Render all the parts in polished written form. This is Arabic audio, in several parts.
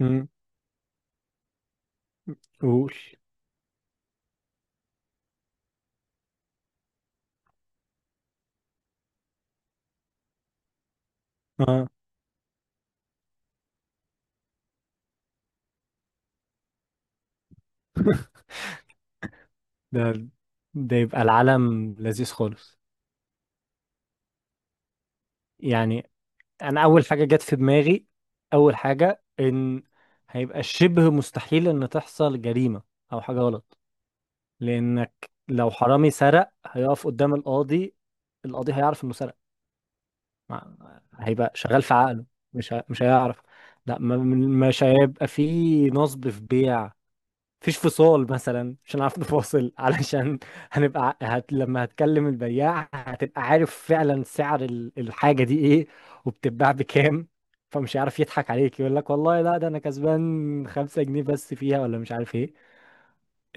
امم قول. اه ده ده يبقى العالم لذيذ خالص. يعني انا اول حاجه جت في دماغي، اول حاجه ان هيبقى شبه مستحيل ان تحصل جريمه او حاجه غلط، لانك لو حرامي سرق هيقف قدام القاضي، القاضي هيعرف انه سرق. هيبقى شغال في عقله. مش هيعرف. لا مش هيبقى فيه نصب في بيع، مفيش فصال مثلا، مش هنعرف نفاصل، علشان لما هتكلم البياع هتبقى عارف فعلا سعر الحاجة دي ايه، وبتتباع بكام. فمش عارف يضحك عليك، يقول لك والله لا ده انا كسبان خمسة جنيه بس فيها، ولا مش عارف ايه.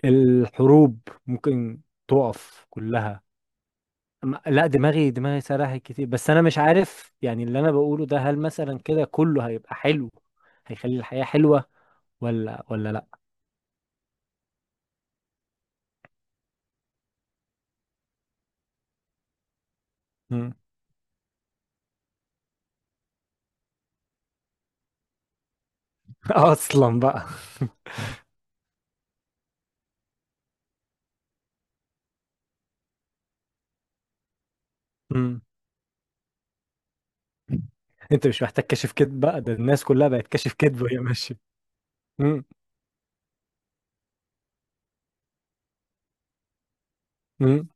الحروب ممكن تقف كلها. لا، دماغي سرحت كتير، بس انا مش عارف يعني اللي انا بقوله ده هل مثلا كده كله هيبقى حلو، هيخلي الحياة حلوة، ولا لا. مم. اصلا بقى. مم. انت مش محتاج كشف كذب بقى، ده الناس كلها بقت كشف كذب وهي ماشيه. مم. مم.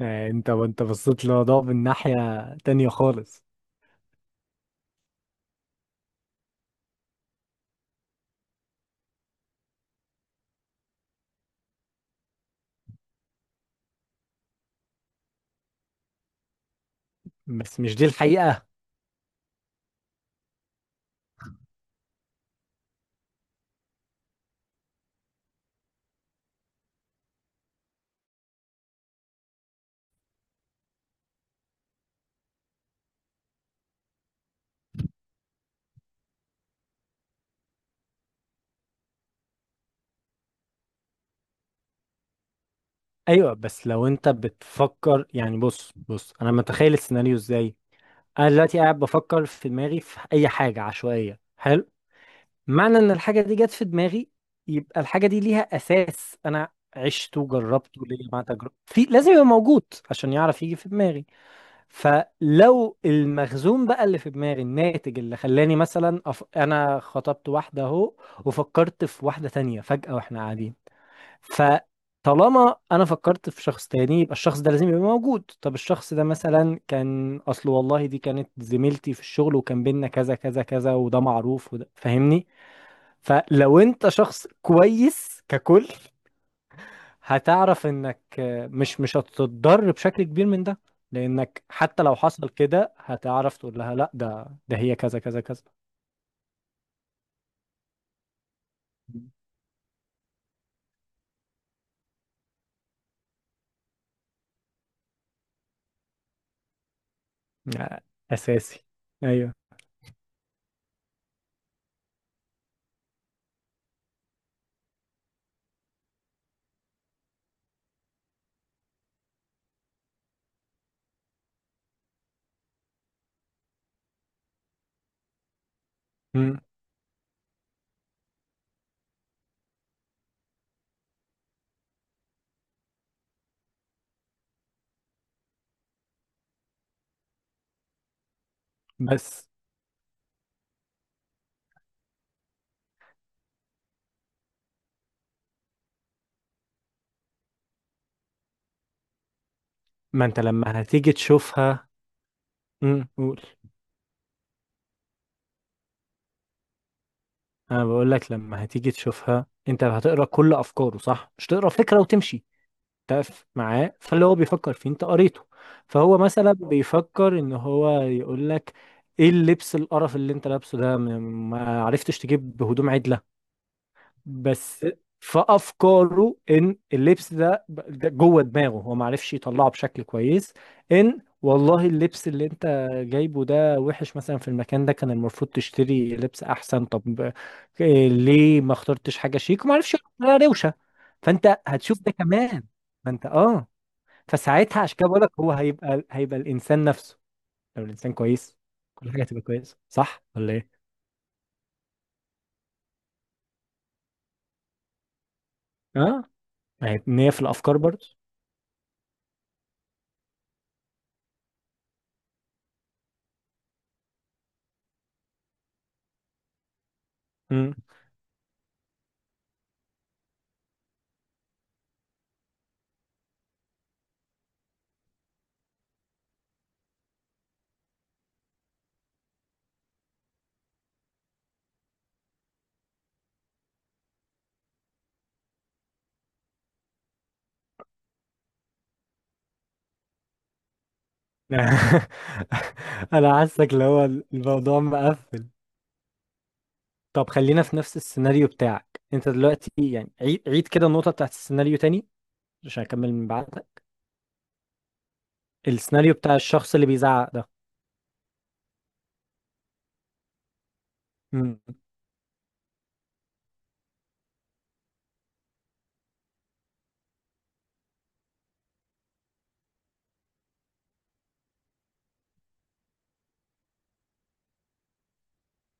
آه، انت وانت بصيت للموضوع من ناحيه تانية خالص. بس مش دي الحقيقه. ايوه، بس لو انت بتفكر، يعني بص انا متخيل السيناريو ازاي. انا دلوقتي قاعد بفكر في دماغي في اي حاجه عشوائيه، حلو. معنى ان الحاجه دي جت في دماغي، يبقى الحاجه دي ليها اساس، انا عشته، جربته، ليا مع تجربه في، لازم يبقى موجود عشان يعرف يجي في دماغي. فلو المخزون بقى اللي في دماغي الناتج اللي خلاني مثلا انا خطبت واحده اهو، وفكرت في واحده تانية فجأة واحنا قاعدين. فطالما انا فكرت في شخص تاني، يبقى الشخص ده لازم يبقى موجود. طب الشخص ده مثلا كان اصل والله دي كانت زميلتي في الشغل، وكان بينا كذا كذا كذا، وده معروف، وده فاهمني. فلو انت شخص كويس ككل، هتعرف انك مش هتتضر بشكل كبير من ده، لانك حتى لو حصل كده هتعرف تقول لها لا، ده هي كذا كذا كذا. آه، اساسي. ايوه. مم. بس ما انت لما هتيجي تشوفها. مم. قول. انا بقول لك لما هتيجي تشوفها انت هتقرا كل افكاره، صح؟ مش تقرا فكرة وتمشي، تف معاه، فاللي هو بيفكر فيه انت قريته. فهو مثلا بيفكر ان هو يقول لك ايه اللبس القرف اللي انت لابسه ده، ما عرفتش تجيب هدوم عدله، بس. فافكاره ان اللبس ده جوه دماغه، هو ما عرفش يطلعه بشكل كويس، ان والله اللبس اللي انت جايبه ده وحش مثلا، في المكان ده كان المفروض تشتري لبس احسن. طب إيه ليه ما اخترتش حاجه شيك، وما عرفش يقول لها روشه. فانت هتشوف ده كمان. فانت اه، فساعتها عشان كده بقول لك هو هيبقى الانسان نفسه. لو الانسان كويس، كل حاجه هتبقى كويسه، صح ولا ايه؟ اه، يعني نية في الافكار برضه. امم. انا حاسك اللي هو الموضوع مقفل. طب خلينا في نفس السيناريو بتاعك انت دلوقتي، يعني عيد كده النقطه بتاعت السيناريو تاني عشان اكمل من بعدها. السيناريو بتاع الشخص اللي بيزعق ده. امم.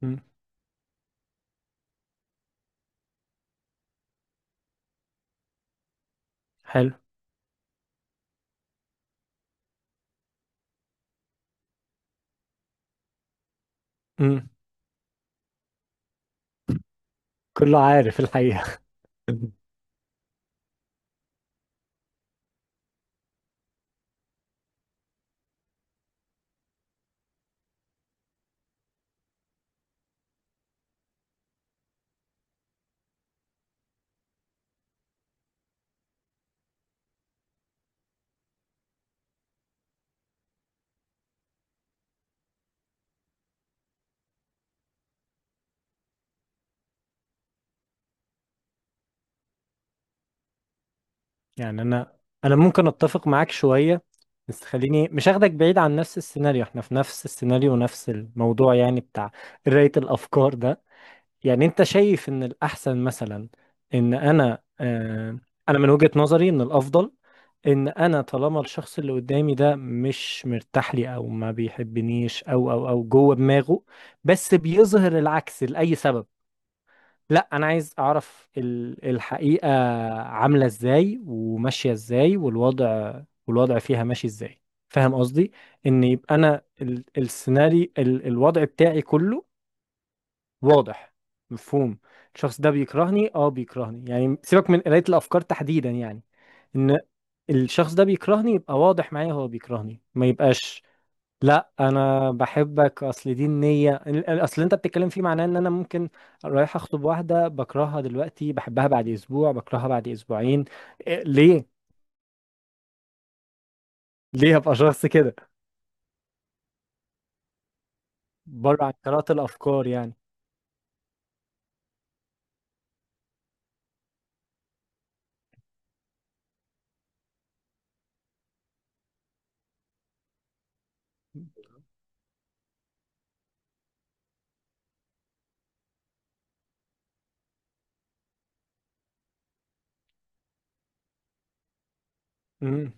امم. حلو. امم. كله عارف الحقيقه. يعني انا ممكن اتفق معاك شويه، بس خليني مش هاخدك بعيد عن نفس السيناريو. احنا في نفس السيناريو ونفس الموضوع يعني بتاع قرايه الافكار ده. يعني انت شايف ان الاحسن مثلا ان انا آه، انا من وجهه نظري ان الافضل ان انا طالما الشخص اللي قدامي ده مش مرتاح لي او ما بيحبنيش، او او جوه دماغه بس بيظهر العكس لاي سبب، لا انا عايز اعرف الحقيقة، عاملة ازاي وماشية ازاي، والوضع فيها ماشي ازاي. فاهم قصدي؟ ان يبقى انا السيناريو الوضع بتاعي كله واضح مفهوم. الشخص ده بيكرهني، اه بيكرهني يعني، سيبك من قراية الافكار تحديدا، يعني ان الشخص ده بيكرهني، يبقى واضح معايا هو بيكرهني، ما يبقاش لا انا بحبك. اصل دي النيه اصل انت بتتكلم فيه، معناه ان انا ممكن رايح اخطب واحده بكرهها دلوقتي، بحبها بعد اسبوع، بكرهها بعد اسبوعين، إيه ليه، ليه هبقى شخص كده؟ بره عن قراءه الافكار يعني. مم.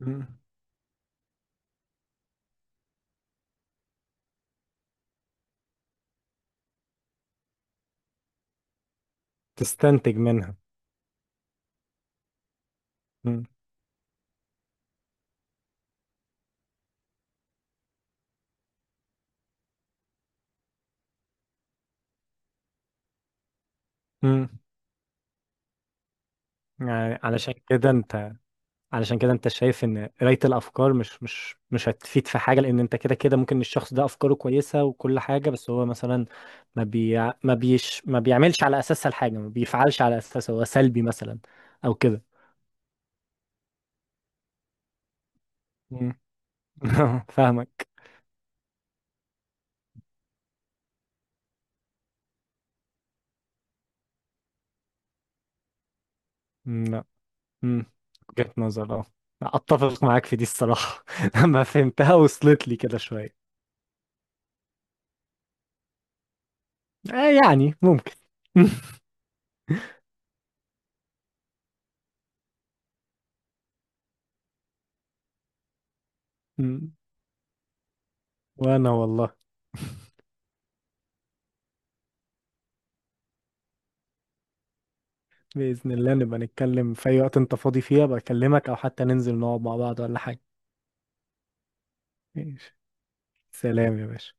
مم. تستنتج منها. مم. مم. يعني علشان كده انت، علشان كده انت شايف ان قراية الافكار مش مش هتفيد في حاجة، لان انت كده كده ممكن الشخص ده افكاره كويسة وكل حاجة، بس هو مثلا ما بي ما بيعملش على اساسها الحاجة، ما بيفعلش على اساسها، هو سلبي مثلا او كده. مم. فاهمك. مم، لا. مم، وجهة نظر اه، اتفق معاك في دي الصراحة. لما فهمتها وصلت لي كده شوية. آه، يعني ممكن. مم، وانا والله. بإذن الله نبقى نتكلم في أي وقت أنت فاضي فيها بكلمك، أو حتى ننزل نقعد مع بعض ولا حاجة. ماشي، سلام يا باشا.